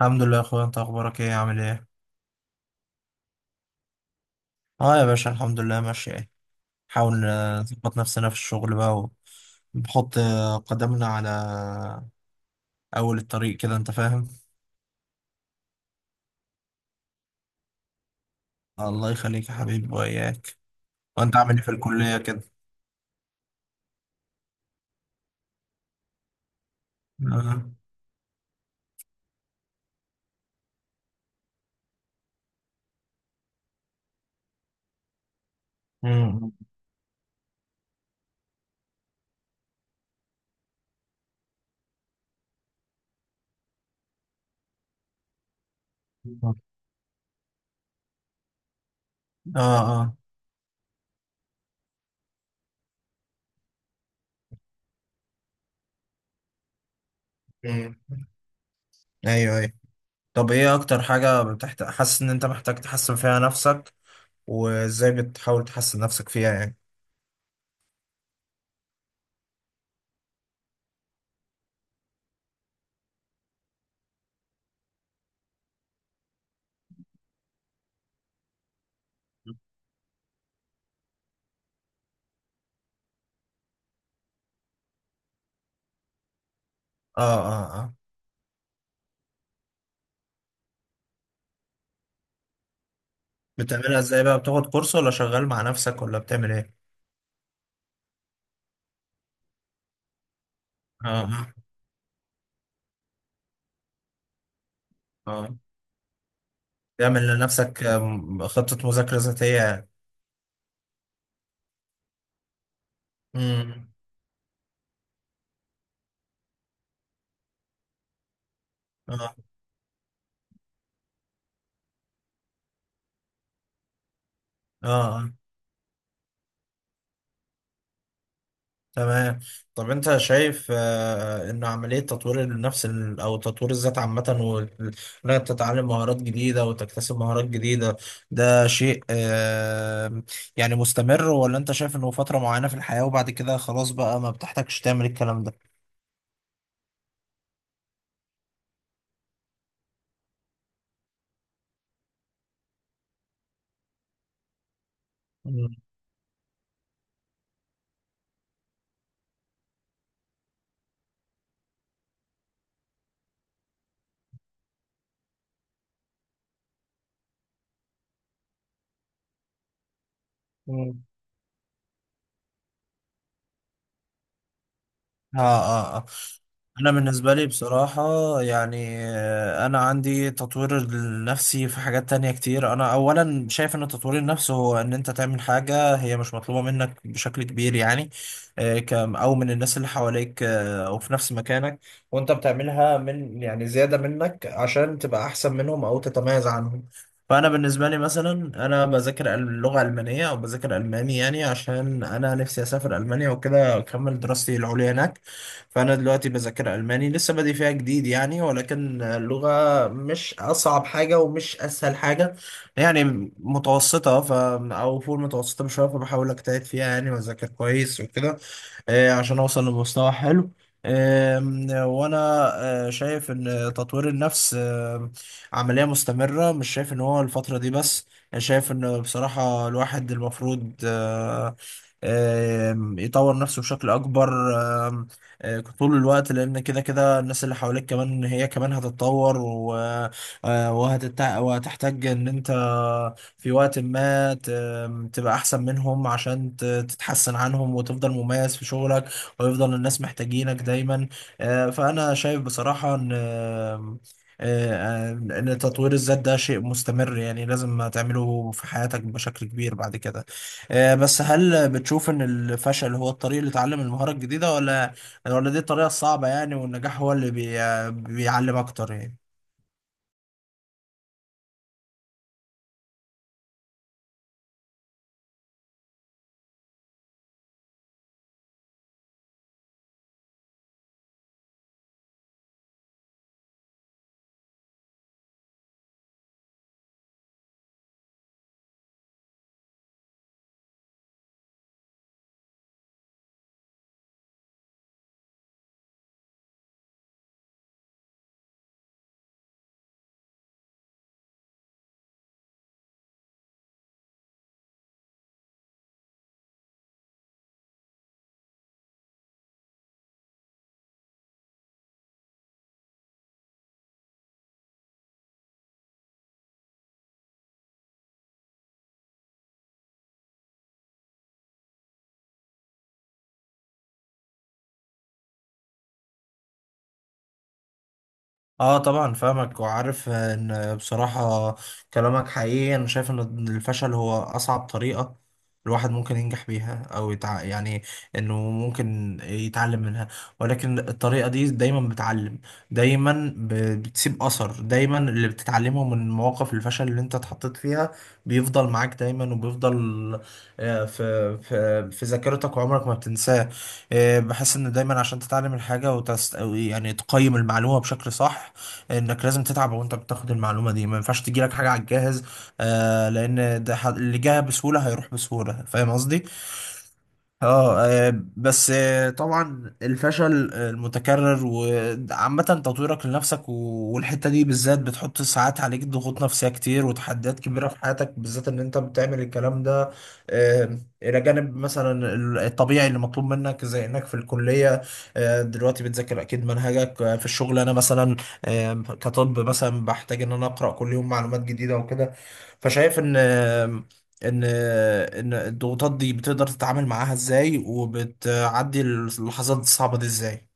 الحمد لله يا اخويا، انت اخبارك ايه؟ عامل ايه؟ اه يا باشا، الحمد لله ماشي. ايه، نحاول نظبط نفسنا في الشغل بقى، ونحط قدمنا على اول الطريق كده، انت فاهم. الله يخليك يا حبيبي، واياك. وانت عامل ايه في الكلية كده؟ اه. مم. اه اه. مم. ايوه ايوه. طب ايه اكتر حاجة حاسس ان انت محتاج تحسن فيها نفسك، وازاي بتحاول تحسن نفسك فيها يعني؟ اه اه اه. بتعملها ازاي بقى؟ بتاخد كورس ولا شغال مع نفسك ولا بتعمل ايه؟ اه اه. تعمل لنفسك خطة مذاكرة ذاتية. امم. اه اه. آه. تمام. طب انت شايف ان عملية تطوير النفس، او تطوير الذات عامة، وانك تتعلم مهارات جديدة وتكتسب مهارات جديدة، ده شيء يعني مستمر، ولا انت شايف انه فترة معينة في الحياة وبعد كده خلاص بقى ما بتحتاجش تعمل الكلام ده؟ مم. اه اه اه. انا بالنسبه لي بصراحه، يعني انا عندي تطوير النفسي في حاجات تانية كتير. انا اولا شايف ان التطوير النفسي هو ان انت تعمل حاجه هي مش مطلوبه منك بشكل كبير، يعني كم او من الناس اللي حواليك او في نفس مكانك، وانت بتعملها من يعني زياده منك عشان تبقى احسن منهم او تتميز عنهم. فانا بالنسبه لي مثلا، انا بذاكر اللغه الالمانيه، او بذاكر الماني يعني، عشان انا نفسي اسافر المانيا وكده اكمل دراستي العليا هناك. فانا دلوقتي بذاكر الماني، لسه بادئ فيها جديد يعني، ولكن اللغه مش اصعب حاجه ومش اسهل حاجه، يعني متوسطه، او فوق المتوسطه بشويه. فبحاول اجتهد فيها يعني، واذاكر كويس وكده، عشان اوصل لمستوى حلو. وانا شايف ان تطوير النفس عملية مستمرة، مش شايف ان هو الفترة دي بس. أنا شايف ان بصراحة الواحد المفروض آه، آم، يطور نفسه بشكل اكبر آم، آه، طول الوقت، لان كده كده الناس اللي حواليك كمان، هي كمان هتتطور، وهتحتاج ان انت في وقت ما تبقى احسن منهم، عشان تتحسن عنهم وتفضل مميز في شغلك، ويفضل الناس محتاجينك دايما. فانا شايف بصراحة ان ان تطوير الذات ده شيء مستمر يعني، لازم تعمله في حياتك بشكل كبير بعد كده. بس هل بتشوف ان الفشل هو الطريق اللي تعلم المهارة الجديدة، ولا ولا دي الطريقة الصعبة يعني، والنجاح هو اللي بيعلم اكتر يعني؟ اه طبعا فاهمك، وعارف ان بصراحة كلامك حقيقي. انا شايف ان الفشل هو اصعب طريقة الواحد ممكن ينجح بيها، او يعني انه ممكن يتعلم منها، ولكن الطريقة دي دايما بتعلم، دايما بتسيب اثر. دايما اللي بتتعلمه من مواقف الفشل اللي انت اتحطيت فيها بيفضل معاك دايما، وبيفضل في ذاكرتك، وعمرك ما بتنساه. بحس ان دايما عشان تتعلم الحاجة أو يعني تقيم المعلومة بشكل صح، انك لازم تتعب وانت بتاخد المعلومه دي، ما ينفعش تجيلك حاجه على الجاهز. لان ده اللي جاها بسهوله هيروح بسهوله، فاهم قصدي. اه. آه. بس طبعا الفشل المتكرر، وعامة تطويرك لنفسك والحتة دي بالذات، بتحط ساعات عليك ضغوط نفسية كتير وتحديات كبيرة في حياتك، بالذات ان انت بتعمل الكلام ده آه، الى جانب مثلا الطبيعي اللي مطلوب منك، زي انك في الكلية دلوقتي بتذاكر اكيد منهجك في الشغل. انا مثلا كطب مثلا، بحتاج ان انا اقرأ كل يوم معلومات جديدة وكده. فشايف ان الضغوطات دي بتقدر تتعامل معاها ازاي، وبتعدي اللحظات الصعبة دي ازاي؟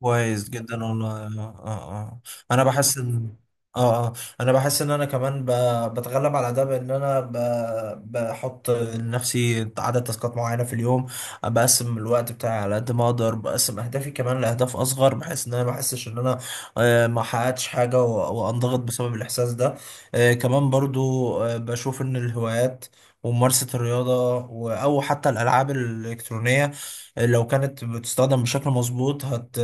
كويس جدا والله. اه. اه. آه. انا بحس ان، اه اه، انا بحس ان انا كمان بتغلب على ده بان انا بحط لنفسي عدد تاسكات معينه في اليوم. بقسم الوقت بتاعي على قد ما اقدر، بقسم اهدافي كمان لاهداف اصغر، بحيث ان انا ما احسش ان انا ما حققتش حاجه وانضغط بسبب الاحساس ده. كمان برضو بشوف ان الهوايات وممارسه الرياضه، او حتى الالعاب الالكترونيه لو كانت بتستخدم بشكل مظبوط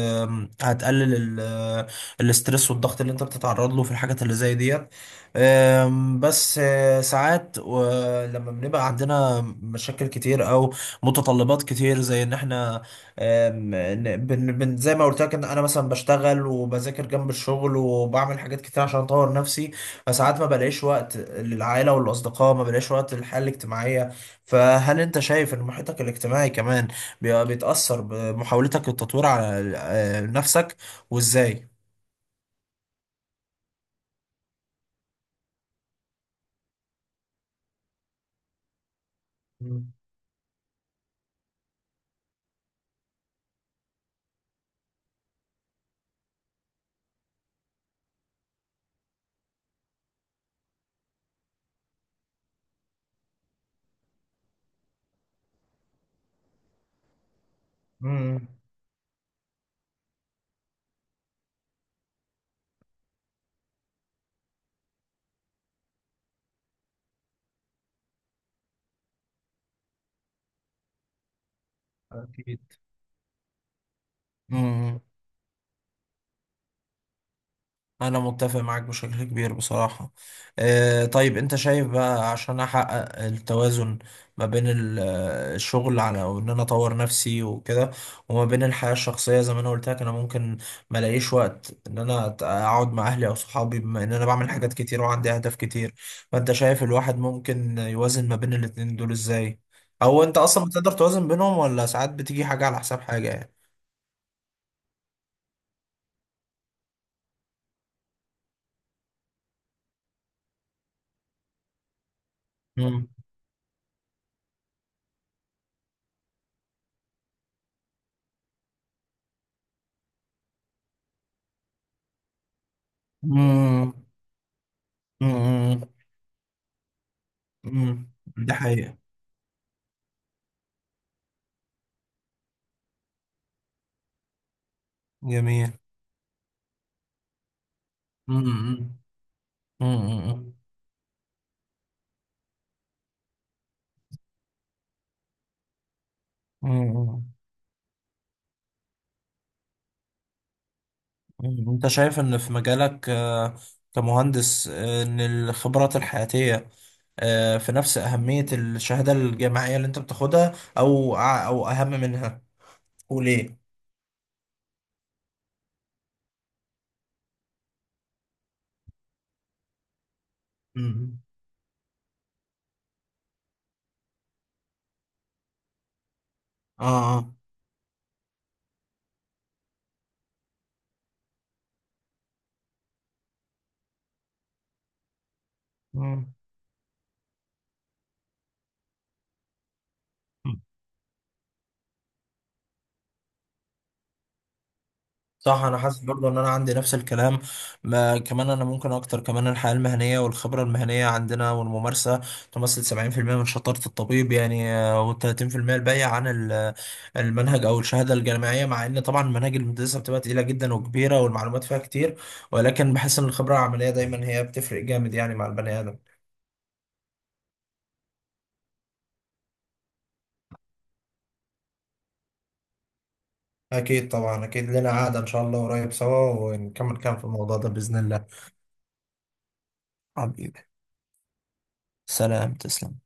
هتقلل الاسترس والضغط اللي انت بتتعرض له في الحاجات اللي زي ديت. بس ساعات لما بنبقى عندنا مشاكل كتير او متطلبات كتير، زي ان احنا آم، ن- بن بن- زي ما قلت لك، ان انا مثلا بشتغل وبذاكر جنب الشغل وبعمل حاجات كتير عشان اطور نفسي، فساعات ما بلاقيش وقت للعائلة والاصدقاء، ما بلاقيش وقت للحياة الاجتماعية. فهل انت شايف ان محيطك الاجتماعي كمان بيتأثر بمحاولتك للتطوير على نفسك، وازاي؟ مم. مم. أكيد. مم. انا متفق معاك بشكل كبير بصراحة. طيب انت شايف بقى، عشان احقق التوازن ما بين الشغل على او ان انا اطور نفسي وكده، وما بين الحياة الشخصية، زي ما انا قلت لك انا ممكن ما الاقيش وقت ان انا اقعد مع اهلي او صحابي، بما ان انا بعمل حاجات كتير وعندي اهداف كتير. فانت شايف الواحد ممكن يوازن ما بين الاتنين دول ازاي؟ او انت اصلا بتقدر توازن بينهم، ولا ساعات بتيجي حاجة على حساب حاجة يعني؟ امم امم امم. ده حقيقة. جميل. امم امم امم. انت شايف ان في مجالك كمهندس ان الخبرات الحياتية في نفس أهمية الشهادة الجامعية اللي انت بتاخدها، او اهم منها، وليه؟ امم. اه. آه. مم. صح، انا حاسس برضو ان انا عندي نفس الكلام. ما كمان انا ممكن اكتر، كمان الحياه المهنيه والخبره المهنيه عندنا والممارسه تمثل 70% من شطاره الطبيب يعني، و30% الباقيه عن المنهج او الشهاده الجامعيه، مع ان طبعا مناهج الهندسه بتبقى تقيله جدا وكبيره، والمعلومات فيها كتير، ولكن بحس ان الخبره العمليه دايما هي بتفرق جامد يعني مع البني ادم. اكيد طبعا، اكيد لنا قعده ان شاء الله قريب سوا ونكمل كلام في الموضوع ده باذن الله. حبيبي، سلام، تسلم.